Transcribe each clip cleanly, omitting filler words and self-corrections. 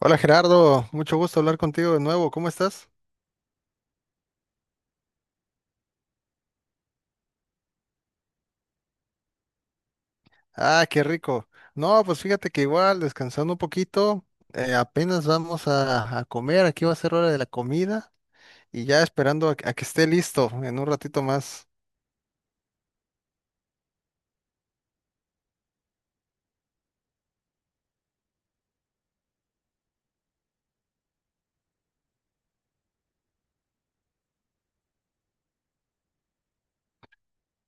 Hola Gerardo, mucho gusto hablar contigo de nuevo, ¿cómo estás? Ah, qué rico. No, pues fíjate que igual, descansando un poquito, apenas vamos a comer, aquí va a ser hora de la comida y ya esperando a que esté listo en un ratito más.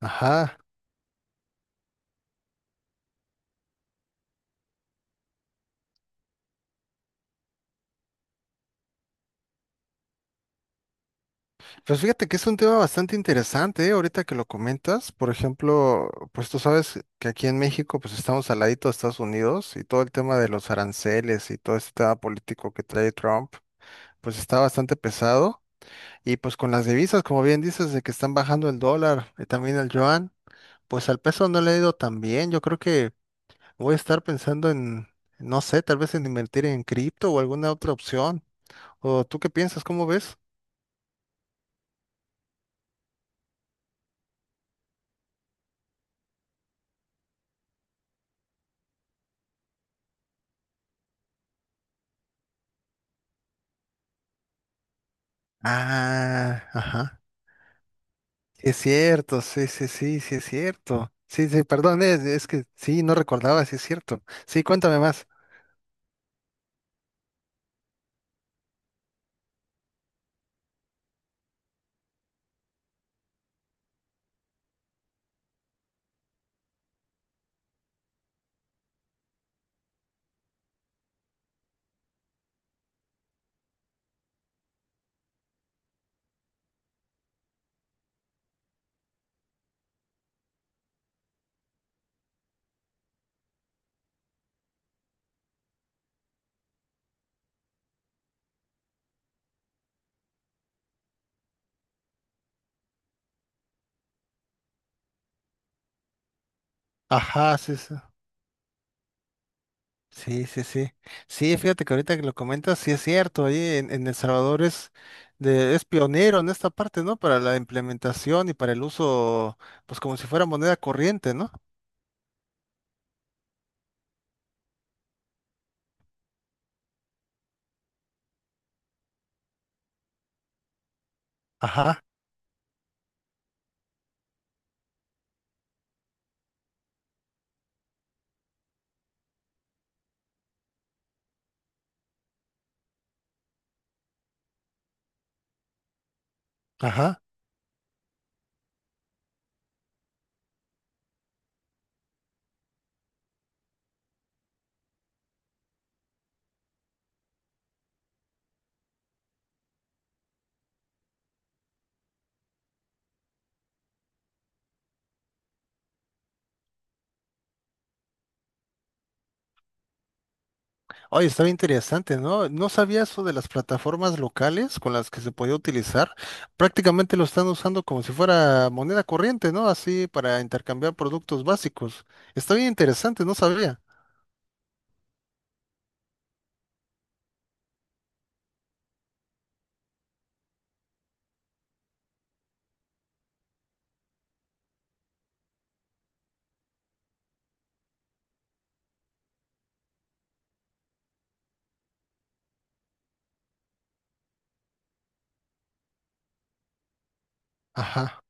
Ajá, pues fíjate que es un tema bastante interesante, ¿eh? Ahorita que lo comentas, por ejemplo, pues tú sabes que aquí en México pues estamos al ladito de Estados Unidos y todo el tema de los aranceles y todo este tema político que trae Trump, pues está bastante pesado. Y pues con las divisas, como bien dices, de que están bajando el dólar y también el yuan, pues al peso no le ha ido tan bien. Yo creo que voy a estar pensando en, no sé, tal vez en invertir en cripto o alguna otra opción. ¿O tú qué piensas? ¿Cómo ves? Ah, ajá. Es cierto, sí, sí, sí, sí, es cierto. Sí, sí, perdón, es que sí, no recordaba, sí, es cierto. Sí, cuéntame más. Ajá, sí, sí. Sí, sí, sí. Sí, fíjate que ahorita que lo comentas, sí es cierto, ahí en El Salvador es, de, es pionero en esta parte, ¿no? Para la implementación y para el uso, pues como si fuera moneda corriente, ¿no? Ajá, ajá. Oye, está bien interesante, ¿no? No sabía eso de las plataformas locales con las que se podía utilizar. Prácticamente lo están usando como si fuera moneda corriente, ¿no? Así para intercambiar productos básicos. Está bien interesante, no sabía. Ajá.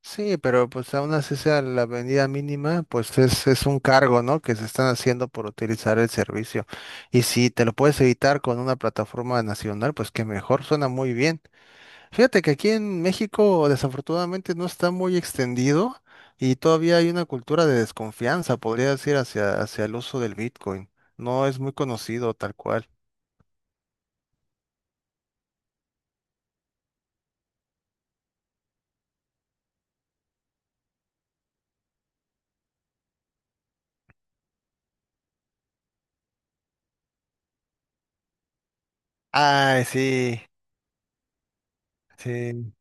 Sí, pero pues aún así sea la avenida mínima, pues es un cargo, ¿no? Que se están haciendo por utilizar el servicio. Y si te lo puedes evitar con una plataforma nacional, pues que mejor, suena muy bien. Fíjate que aquí en México desafortunadamente no está muy extendido y todavía hay una cultura de desconfianza, podría decir, hacia el uso del Bitcoin. No es muy conocido tal cual. Ay, sí, sí.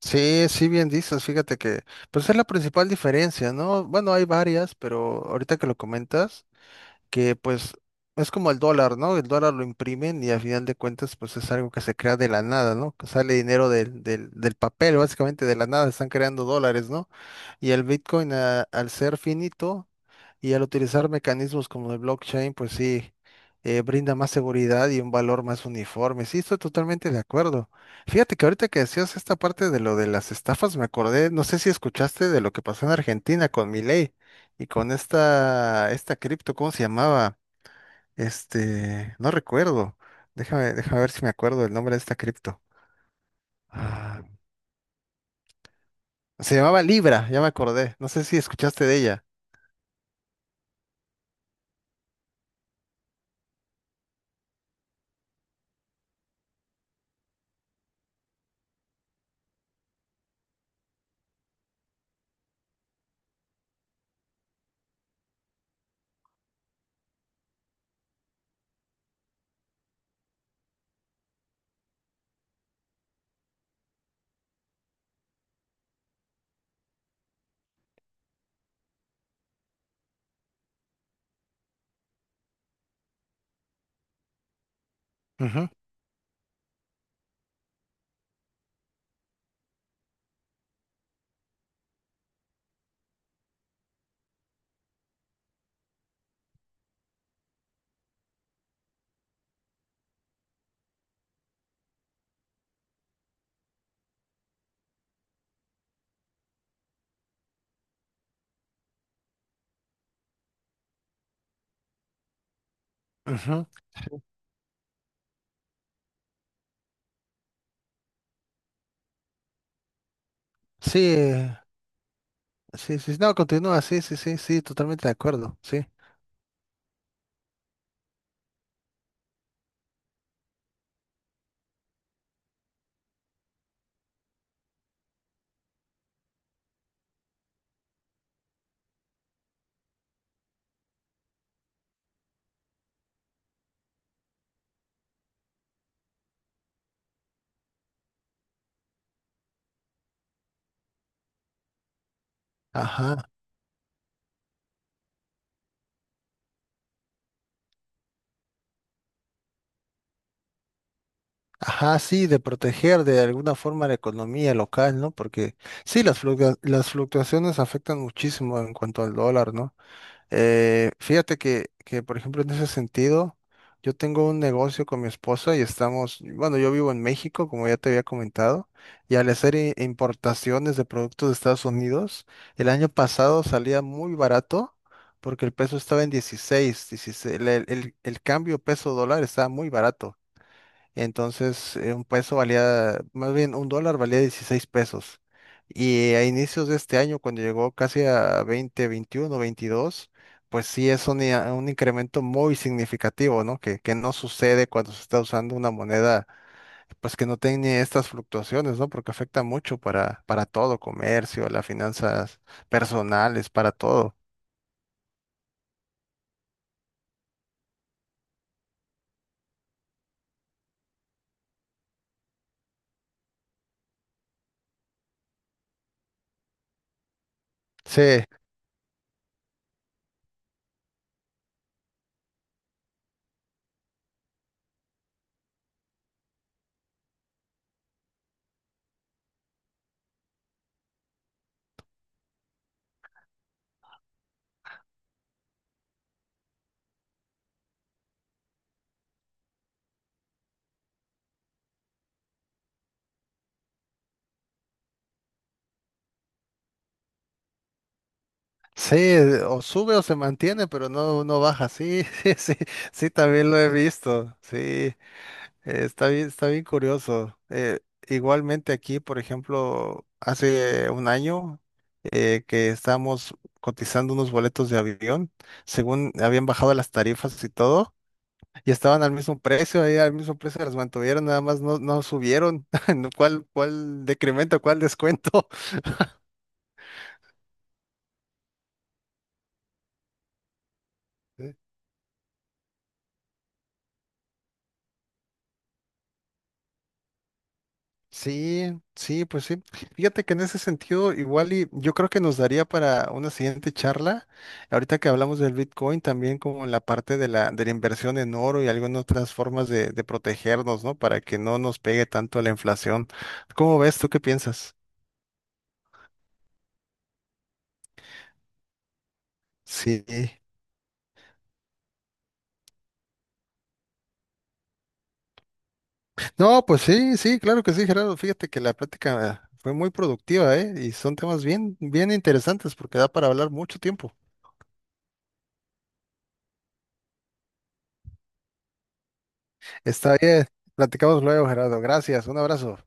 Sí, sí, bien dices, fíjate que, pues es la principal diferencia, ¿no? Bueno, hay varias, pero ahorita que lo comentas, que pues es como el dólar, ¿no? El dólar lo imprimen y a final de cuentas pues es algo que se crea de la nada, ¿no? Que sale dinero del papel, básicamente de la nada, están creando dólares, ¿no? Y el al ser finito y al utilizar mecanismos como el blockchain, pues sí, brinda más seguridad y un valor más uniforme. Sí, estoy totalmente de acuerdo. Fíjate que ahorita que decías esta parte de lo de las estafas, me acordé, no sé si escuchaste de lo que pasó en Argentina con Milei. Y con esta cripto, ¿cómo se llamaba? Este, no recuerdo. Déjame ver si me acuerdo del nombre de esta cripto. Ah, se llamaba Libra, ya me acordé. No sé si escuchaste de ella. Ujú, ujú. Sí, sí, sí, sí. No, continúa, sí, sí, sí, sí, totalmente de acuerdo, sí. Ajá, ajá, sí, de proteger de alguna forma la economía local, ¿no? Porque sí, las fluctuaciones afectan muchísimo en cuanto al dólar, ¿no? Fíjate que, por ejemplo, en ese sentido, yo tengo un negocio con mi esposa y estamos, bueno, yo vivo en México, como ya te había comentado, y al hacer importaciones de productos de Estados Unidos, el año pasado salía muy barato porque el peso estaba en 16, el cambio peso dólar estaba muy barato. Entonces, un más bien un dólar valía 16 pesos. Y a inicios de este año, cuando llegó casi a 20, 21, 22, pues sí es un incremento muy significativo, ¿no? Que no sucede cuando se está usando una moneda, pues que no tiene estas fluctuaciones, ¿no? Porque afecta mucho para todo, comercio, las finanzas personales, para todo. Sí. Sí, o sube o se mantiene, pero no, no baja. Sí, sí, sí, sí, también lo he visto. Sí, está bien curioso. Igualmente aquí, por ejemplo, hace un año que estábamos cotizando unos boletos de avión, según habían bajado las tarifas y todo, y estaban al mismo precio, ahí al mismo precio las mantuvieron, nada más no, no subieron. ¿Cuál, cuál decremento, cuál descuento? Sí, sí, pues sí. Fíjate que en ese sentido, igual y yo creo que nos daría para una siguiente charla. Ahorita que hablamos del Bitcoin, también como en la parte de de la inversión en oro y algunas otras formas de protegernos, ¿no? Para que no nos pegue tanto la inflación. ¿Cómo ves? ¿Tú qué piensas? Sí. No, pues sí, sí, claro que sí, Gerardo. Fíjate que la plática fue muy productiva, ¿eh? Y son temas bien, bien interesantes porque da para hablar mucho tiempo. Está bien. Platicamos luego, Gerardo. Gracias. Un abrazo.